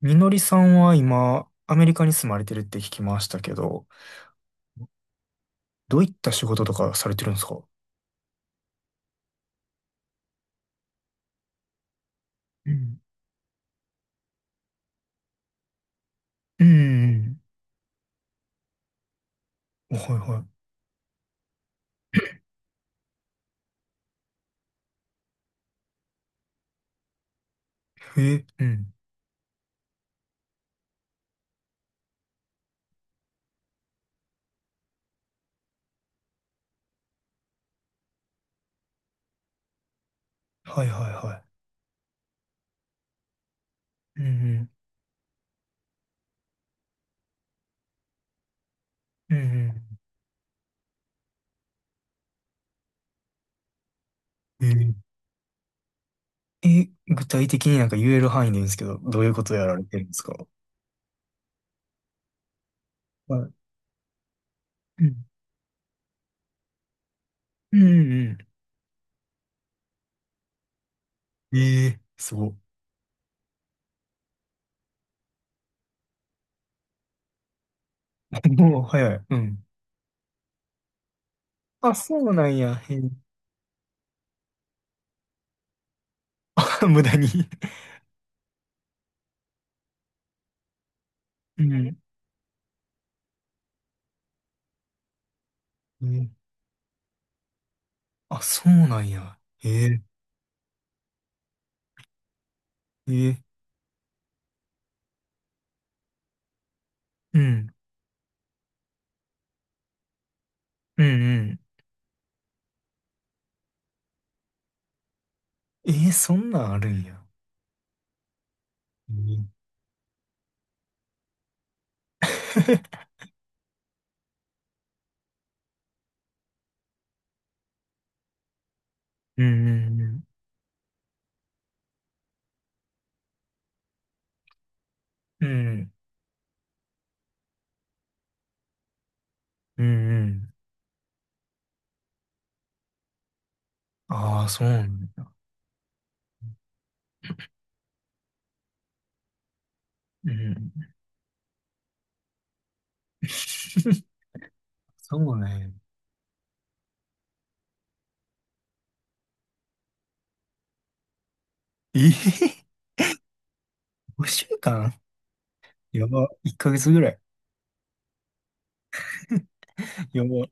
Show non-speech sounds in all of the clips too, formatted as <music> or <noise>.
みのりさんは今、アメリカに住まれてるって聞きましたけど、どういった仕事とかされてるんですか？うん。うん。うん。はいはい。え、うん。はいはいはい。うんうん。うんうん。え、具体的になんか言える範囲でいいんですけど、どういうことやられてるんですか？はい。うん。うんうん。ええー、すご。<laughs> もう早い。うん。あ、そうなんや。へえ。<laughs> あ、無駄に。うん。うん。あ、そうなんや。へえ。へえ。うん。うんうん。えー、そんなんあるんや。えー。 <laughs> うんうんうん。うんうんうん。ああ、そうなんだ。うん。<laughs> そうね。えー、5週間。やば。1ヶ月ぐらい。<laughs> やば。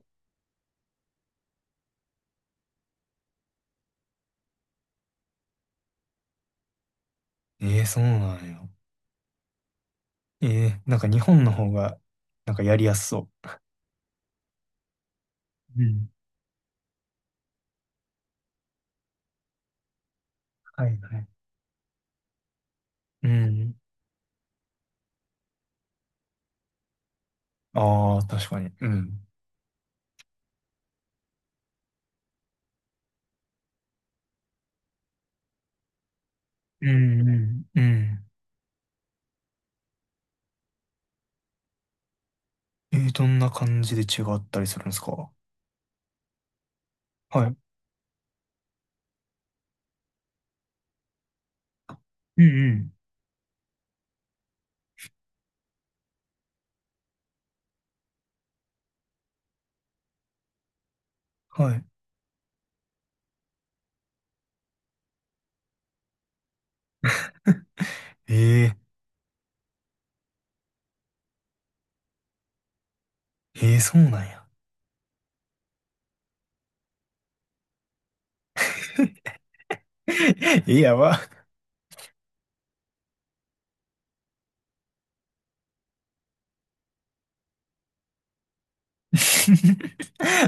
えー、そうなんや。えー、なんか日本の方が、なんかやりやすそう。うん。はいはい。うん。ああ、確かに。うん。うんうんうん。えー、どんな感じで違ったりするんですか？はい。うんうん。はい。ええええ、そうなんや。<laughs> え、やば。<laughs>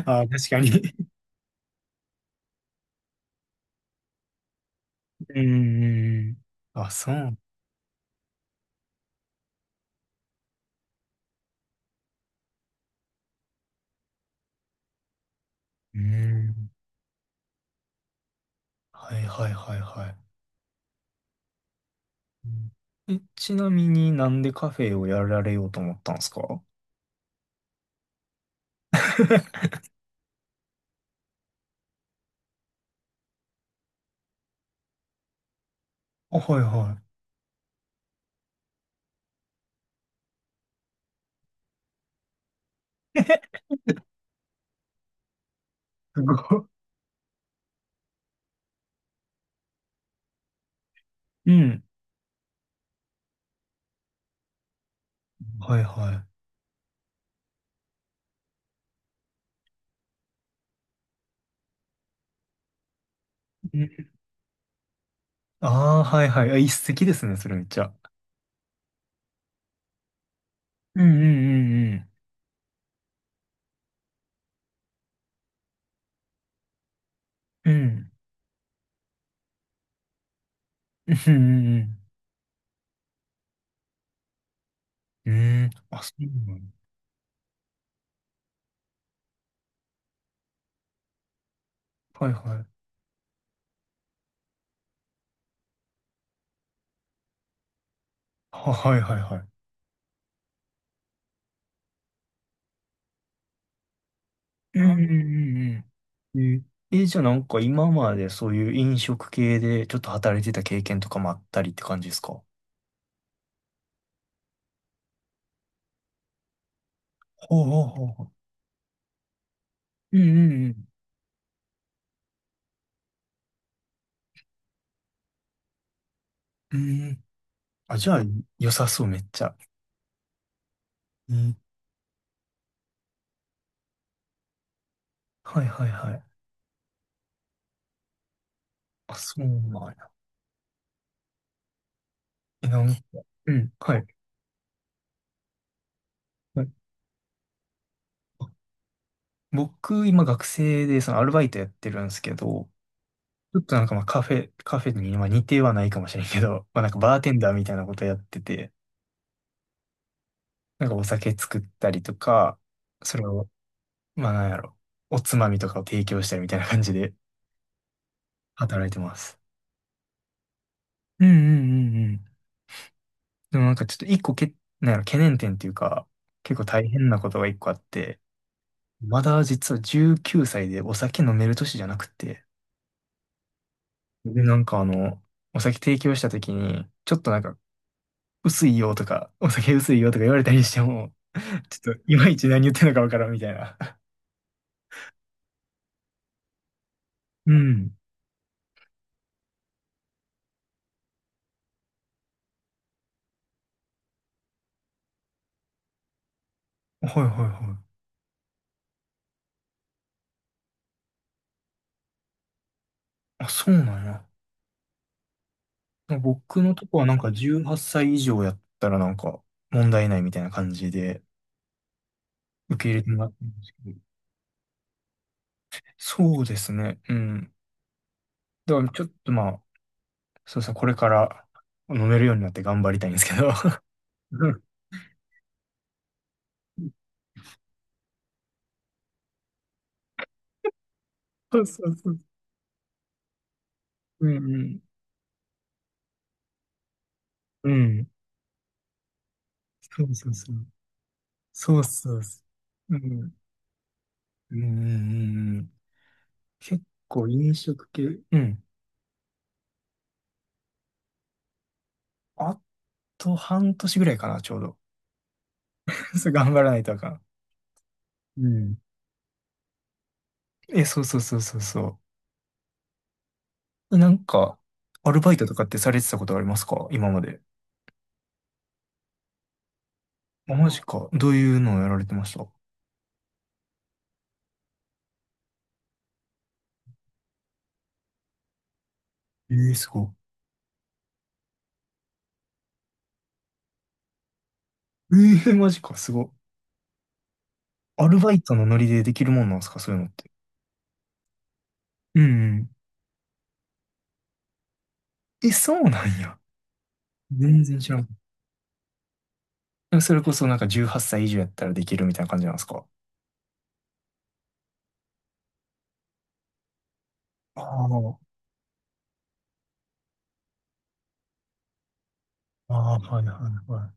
あ、確かに。うん。あ、そう。うん。はいはいはいはい。え、ちなみになんでカフェをやられようと思ったんですか？ <laughs> あ、はいはい。<laughs> すごい。うん。はいはい。うん。ああ、はいはい。あ、一石ですね、それめっちゃ。うんうんうんうん。うん。うんうんうん。<laughs> うん。あ、そうなの。はいはい。はいはいはい。うんうんうんうん。えじゃあなんか今までそういう飲食系でちょっと働いてた経験とかもあったりって感じですか？ほうほうほうほう。うんうんうん。うん。あ、じゃあ良さそうめっちゃ。うん。はいはいはい。あ、そうなんや。え、なんか <laughs>、うん、はい。はい。あ、僕、今学生でそのアルバイトやってるんですけど、ちょっとなんかまあカフェにまあ似てはないかもしれんけど、まあなんかバーテンダーみたいなことやってて、なんかお酒作ったりとか、それをまあなんやろ。おつまみとかを提供したりみたいな感じで働いてます。うんうんうんうん。でもなんかちょっと一個け、なんやろ、懸念点っていうか、結構大変なことが一個あって、まだ実は19歳でお酒飲める年じゃなくて、で、なんかお酒提供した時に、ちょっとなんか、薄いよとか、<laughs> お酒薄いよとか言われたりしても、<laughs> ちょっといまいち何言ってんのかわからんみたいな。うん。<laughs> はいはいはい。あ、そうなんや。ね、僕のとこはなんか18歳以上やったらなんか問題ないみたいな感じで受け入れてもらってるんですけど。そうですね。うん。だからちょっとまあ、そうですね。これから飲めるようになって頑張りたいんですけど。うん。そうそうそう。うんうん。うん。そうそうそう。そうそうそう。うん。うんうんうん。結構飲食系。うん。あと半年ぐらいかな、ちょうど。<laughs> そう、頑張らないとあかん。うん。え、そうそうそうそうそう。なんか、アルバイトとかってされてたことありますか今まで？あ、マジか。どういうのをやられてました？ええー、すごい。ええー、マジか、すごい。アルバイトのノリでできるもんなんですかそういうのって？うんうん。え、そうなんや。全然知らん。でもそれこそなんか18歳以上やったらできるみたいな感じなんですか？ああ、ああ、はいはいは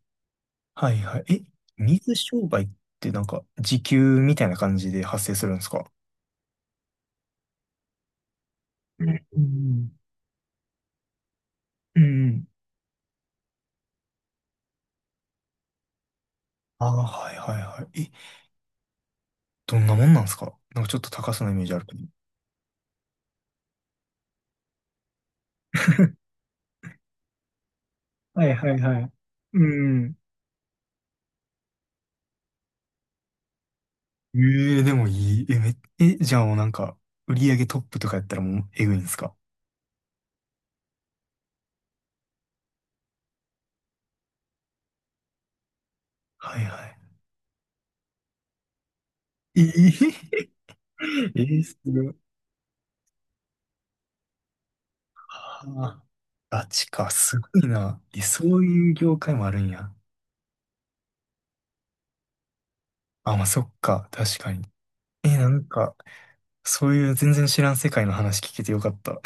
い。はいはい。え、水商売ってなんか時給みたいな感じで発生するんですか？うんうんうん。うんうん。ああ、はいはいはい。どんなもんなんすかなんかちょっと高そうなイメージあるけど。はいはいはい。うん。ええでもいい。え、め、え、じゃあもうなんか、売り上げトップとかやったらもうえぐいんですか？はいはい。ええ。 <laughs> えーすごい。ああ、ガチか、すごいな。え、そういう業界もあるんや。あ、まあそっか、確かに。え、なんか、そういう全然知らん世界の話聞けてよかった。